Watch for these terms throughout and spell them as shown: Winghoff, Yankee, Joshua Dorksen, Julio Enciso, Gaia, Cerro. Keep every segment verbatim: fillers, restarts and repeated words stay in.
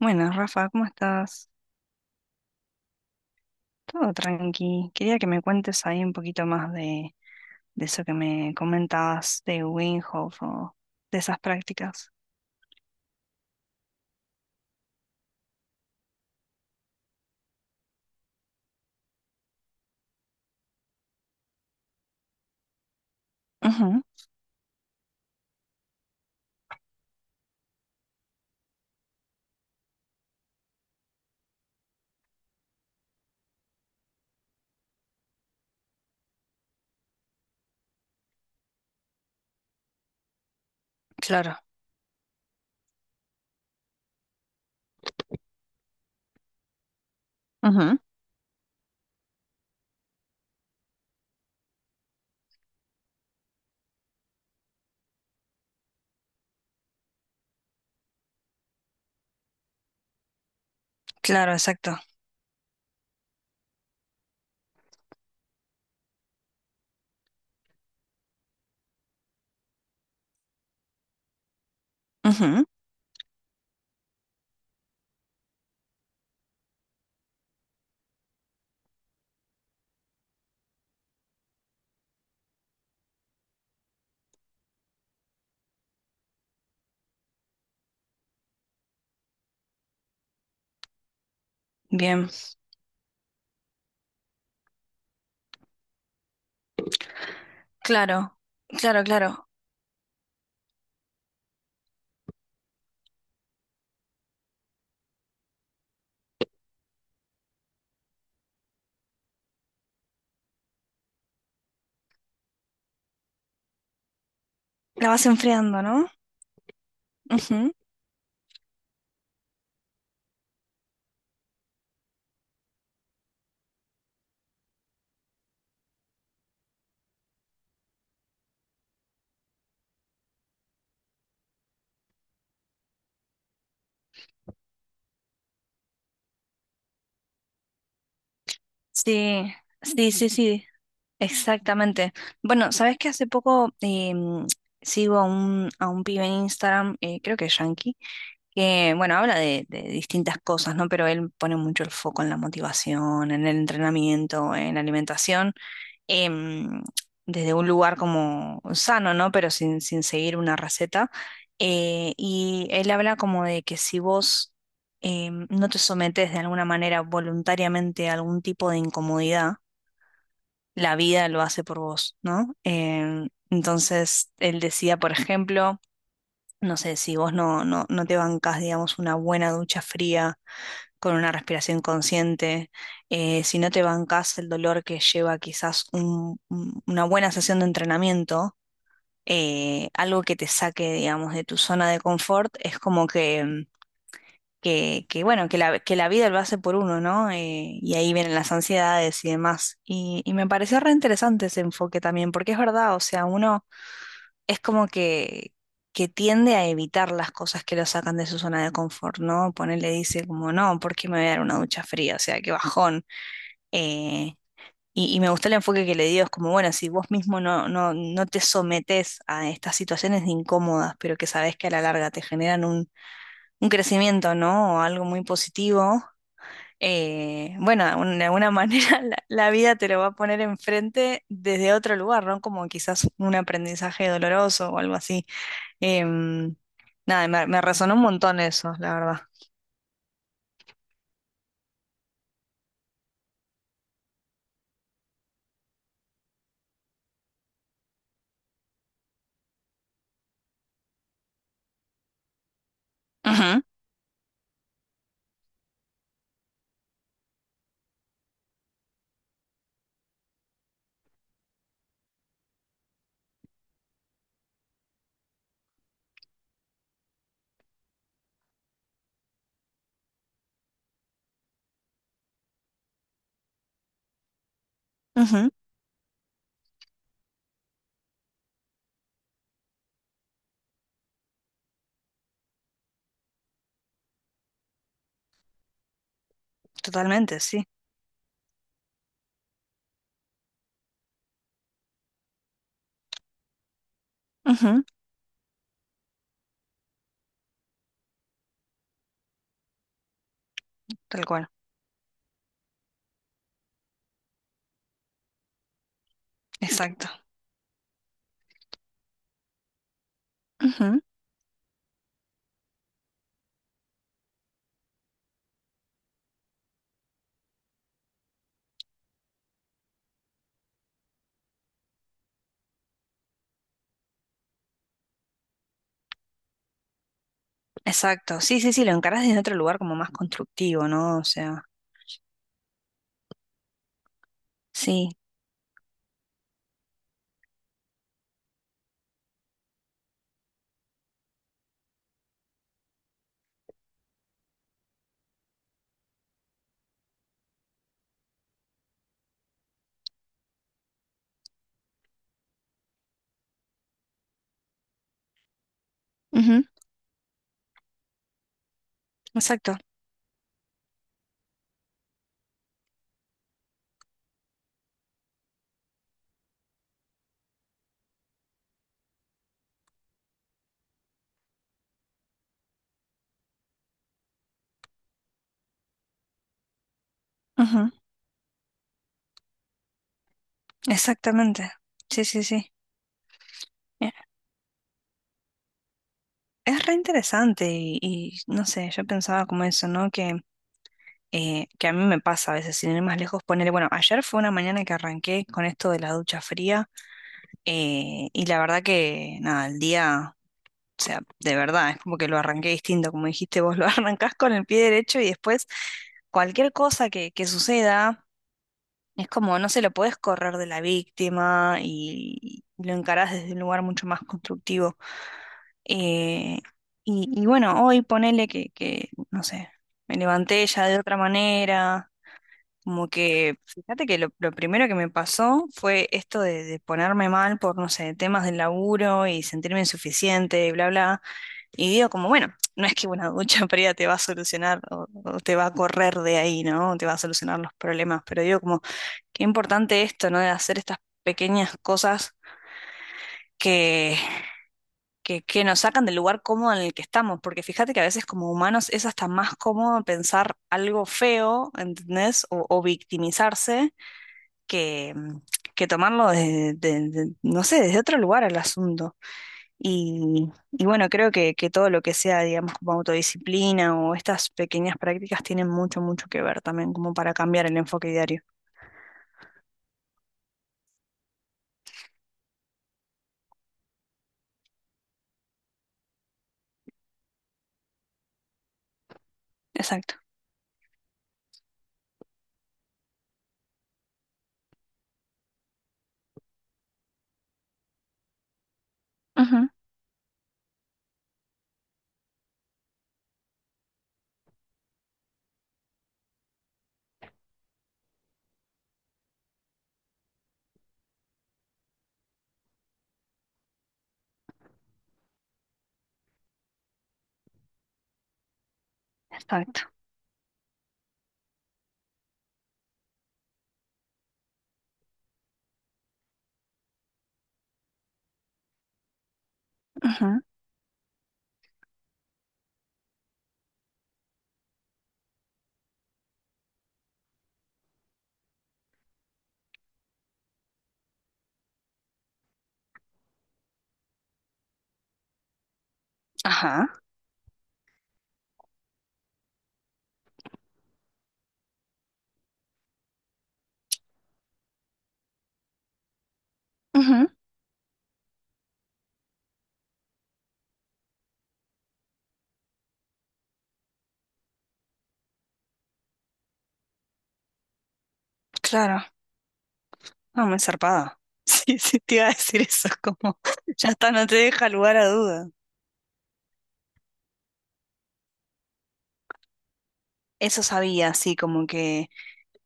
Bueno, Rafa, ¿cómo estás? Todo tranqui. Quería que me cuentes ahí un poquito más de, de eso que me comentabas de Winghoff o de esas prácticas. Ujú, claro. Ujú, claro, exacto. Ujú, bien. Claro, claro, claro. La vas enfriando, ¿no? Ujú. Sí, sí, sí, sí. Exactamente. Bueno, sabes que hace poco em, sigo a un, a un pibe en Instagram, eh, creo que es Yankee, que bueno, habla de, de distintas cosas, ¿no? Pero él pone mucho el foco en la motivación, en el entrenamiento, en la alimentación, em, desde un lugar como sano, ¿no? Pero sin, sin seguir una receta. Eh, y él habla como de que si vos em, no te sometes de alguna manera voluntariamente a algún tipo de incomodidad, la vida lo hace por vos, ¿no? Em, entonces, él decía, por ejemplo, no sé, si vos no, no, no te bancas, digamos, una buena ducha fría con una respiración consciente, eh, si no te bancas el dolor que lleva quizás un- un- una buena sesión de entrenamiento, eh, algo que te saque, digamos, de tu zona de confort, es como que que, que, bueno, que la, que la vida lo hace por uno, ¿no? Eh, y ahí vienen las ansiedades y demás. Y, y me pareció re interesante ese enfoque también, porque es verdad, o sea, uno es como que, que tiende a evitar las cosas que lo sacan de su zona de confort, ¿no? Ponele, dice como, no, ¿por qué me voy a dar una ducha fría? O sea, qué bajón. Eh, y, y me gustó el enfoque que le dio, es como, bueno, si vos mismo no, no, no te sometes a estas situaciones incómodas, pero que sabés que a la larga te generan un, un crecimiento, ¿no? O algo muy positivo, eh, bueno, de un- de alguna manera la, la vida te lo va a poner enfrente desde otro lugar, ¿no? Como quizás un aprendizaje doloroso o algo así. Em, nada, me, me resonó un montón eso, la verdad. Ujú, ujú, totalmente, sí. Ujú, tal cual, exacto. Ujú, exacto, sí, sí, sí, lo encarás desde otro lugar como más constructivo, ¿no? O sea, sí. Ujú, exacto. Ujú, exactamente. Sí, sí, sí. Es re interesante y, y, no sé, yo pensaba como eso, ¿no? Que, eh, que a mí me pasa a veces, sin ir más lejos, ponerle, bueno, ayer fue una mañana que arranqué con esto de la ducha fría, eh, y la verdad que, nada, el día, o sea, de verdad, es como que lo arranqué distinto, como dijiste vos, lo arrancás con el pie derecho y después cualquier cosa que, que suceda, es como, no se lo podés correr de la víctima y lo encarás desde un lugar mucho más constructivo. Eh, y, y bueno, hoy ponele que, que, no sé, me levanté ya de otra manera, como que, fíjate que lo, lo primero que me pasó fue esto de, de ponerme mal por, no sé, temas del laburo y sentirme insuficiente, y bla, bla. Y digo como, bueno, no es que una ducha fría te va a solucionar o, o te va a correr de ahí, ¿no? Te va a solucionar los problemas, pero digo como, qué importante esto, ¿no? De hacer estas pequeñas cosas. que que, que nos sacan del lugar cómodo en el que estamos, porque fíjate que a veces como humanos es hasta más cómodo pensar algo feo, ¿entendés? O, o victimizarse que, que tomarlo desde, de- de- no sé, desde otro lugar al asunto. Y, y bueno, creo que, que todo lo que sea, digamos, como autodisciplina o estas pequeñas prácticas tienen mucho, mucho que ver también, como para cambiar el enfoque diario. Exacto. Ujú. Exacto. Ujú. Ajá. Ujú. Claro. No, me zarpada. Sí, sí, te iba a decir eso, como ya está, no te deja lugar a duda. Eso sabía, sí, como que,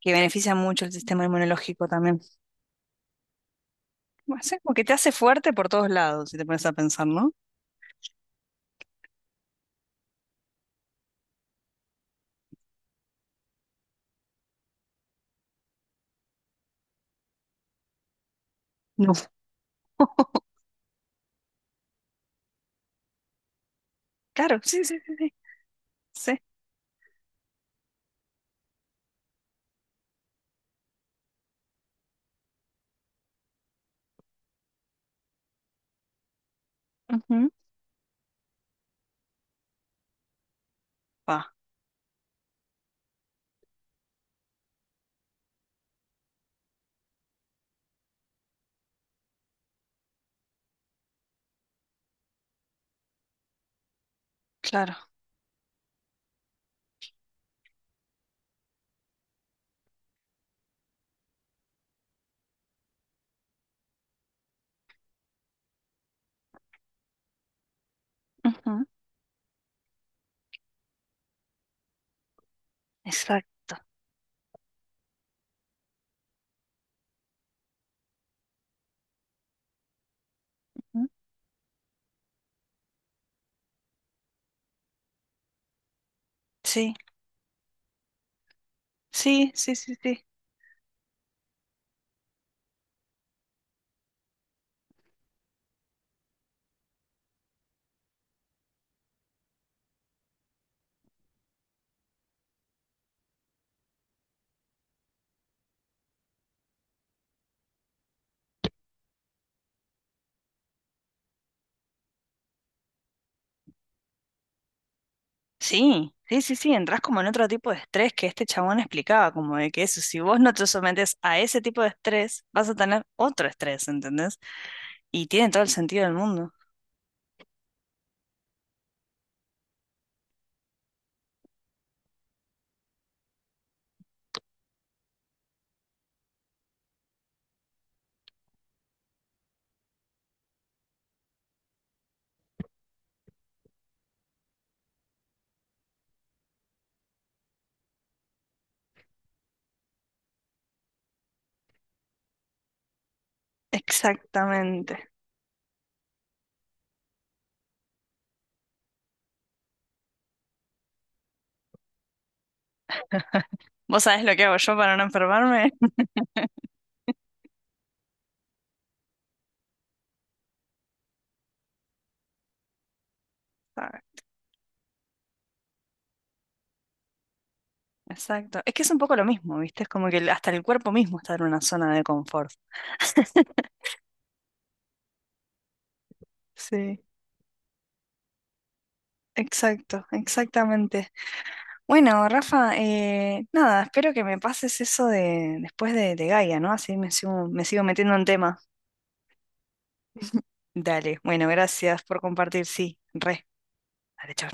que beneficia mucho el sistema inmunológico también. Bueno, sí, como que te hace fuerte por todos lados, si te pones a pensar, ¿no? No. Claro, sí, sí, sí, sí. Sí. Ujú. Va, claro. Ujú. Exacto. Ujú. Sí, sí, sí, sí, sí. Sí, sí, sí, sí, entras como en otro tipo de estrés que este chabón explicaba, como de que eso, si vos no te sometes a ese tipo de estrés, vas a tener otro estrés, ¿entendés? Y tiene todo el sentido del mundo. Exactamente. ¿Vos sabés lo que hago yo para no enfermarme? Ah, exacto. Es que es un poco lo mismo, ¿viste? Es como que el- hasta el cuerpo mismo está en una zona de confort. Sí, exacto, exactamente. Bueno, Rafa, eh, nada, espero que me pases eso de después de, de Gaia, ¿no? Así me sigo, me sigo metiendo en tema. Dale, bueno, gracias por compartir, sí, re. Dale, chau.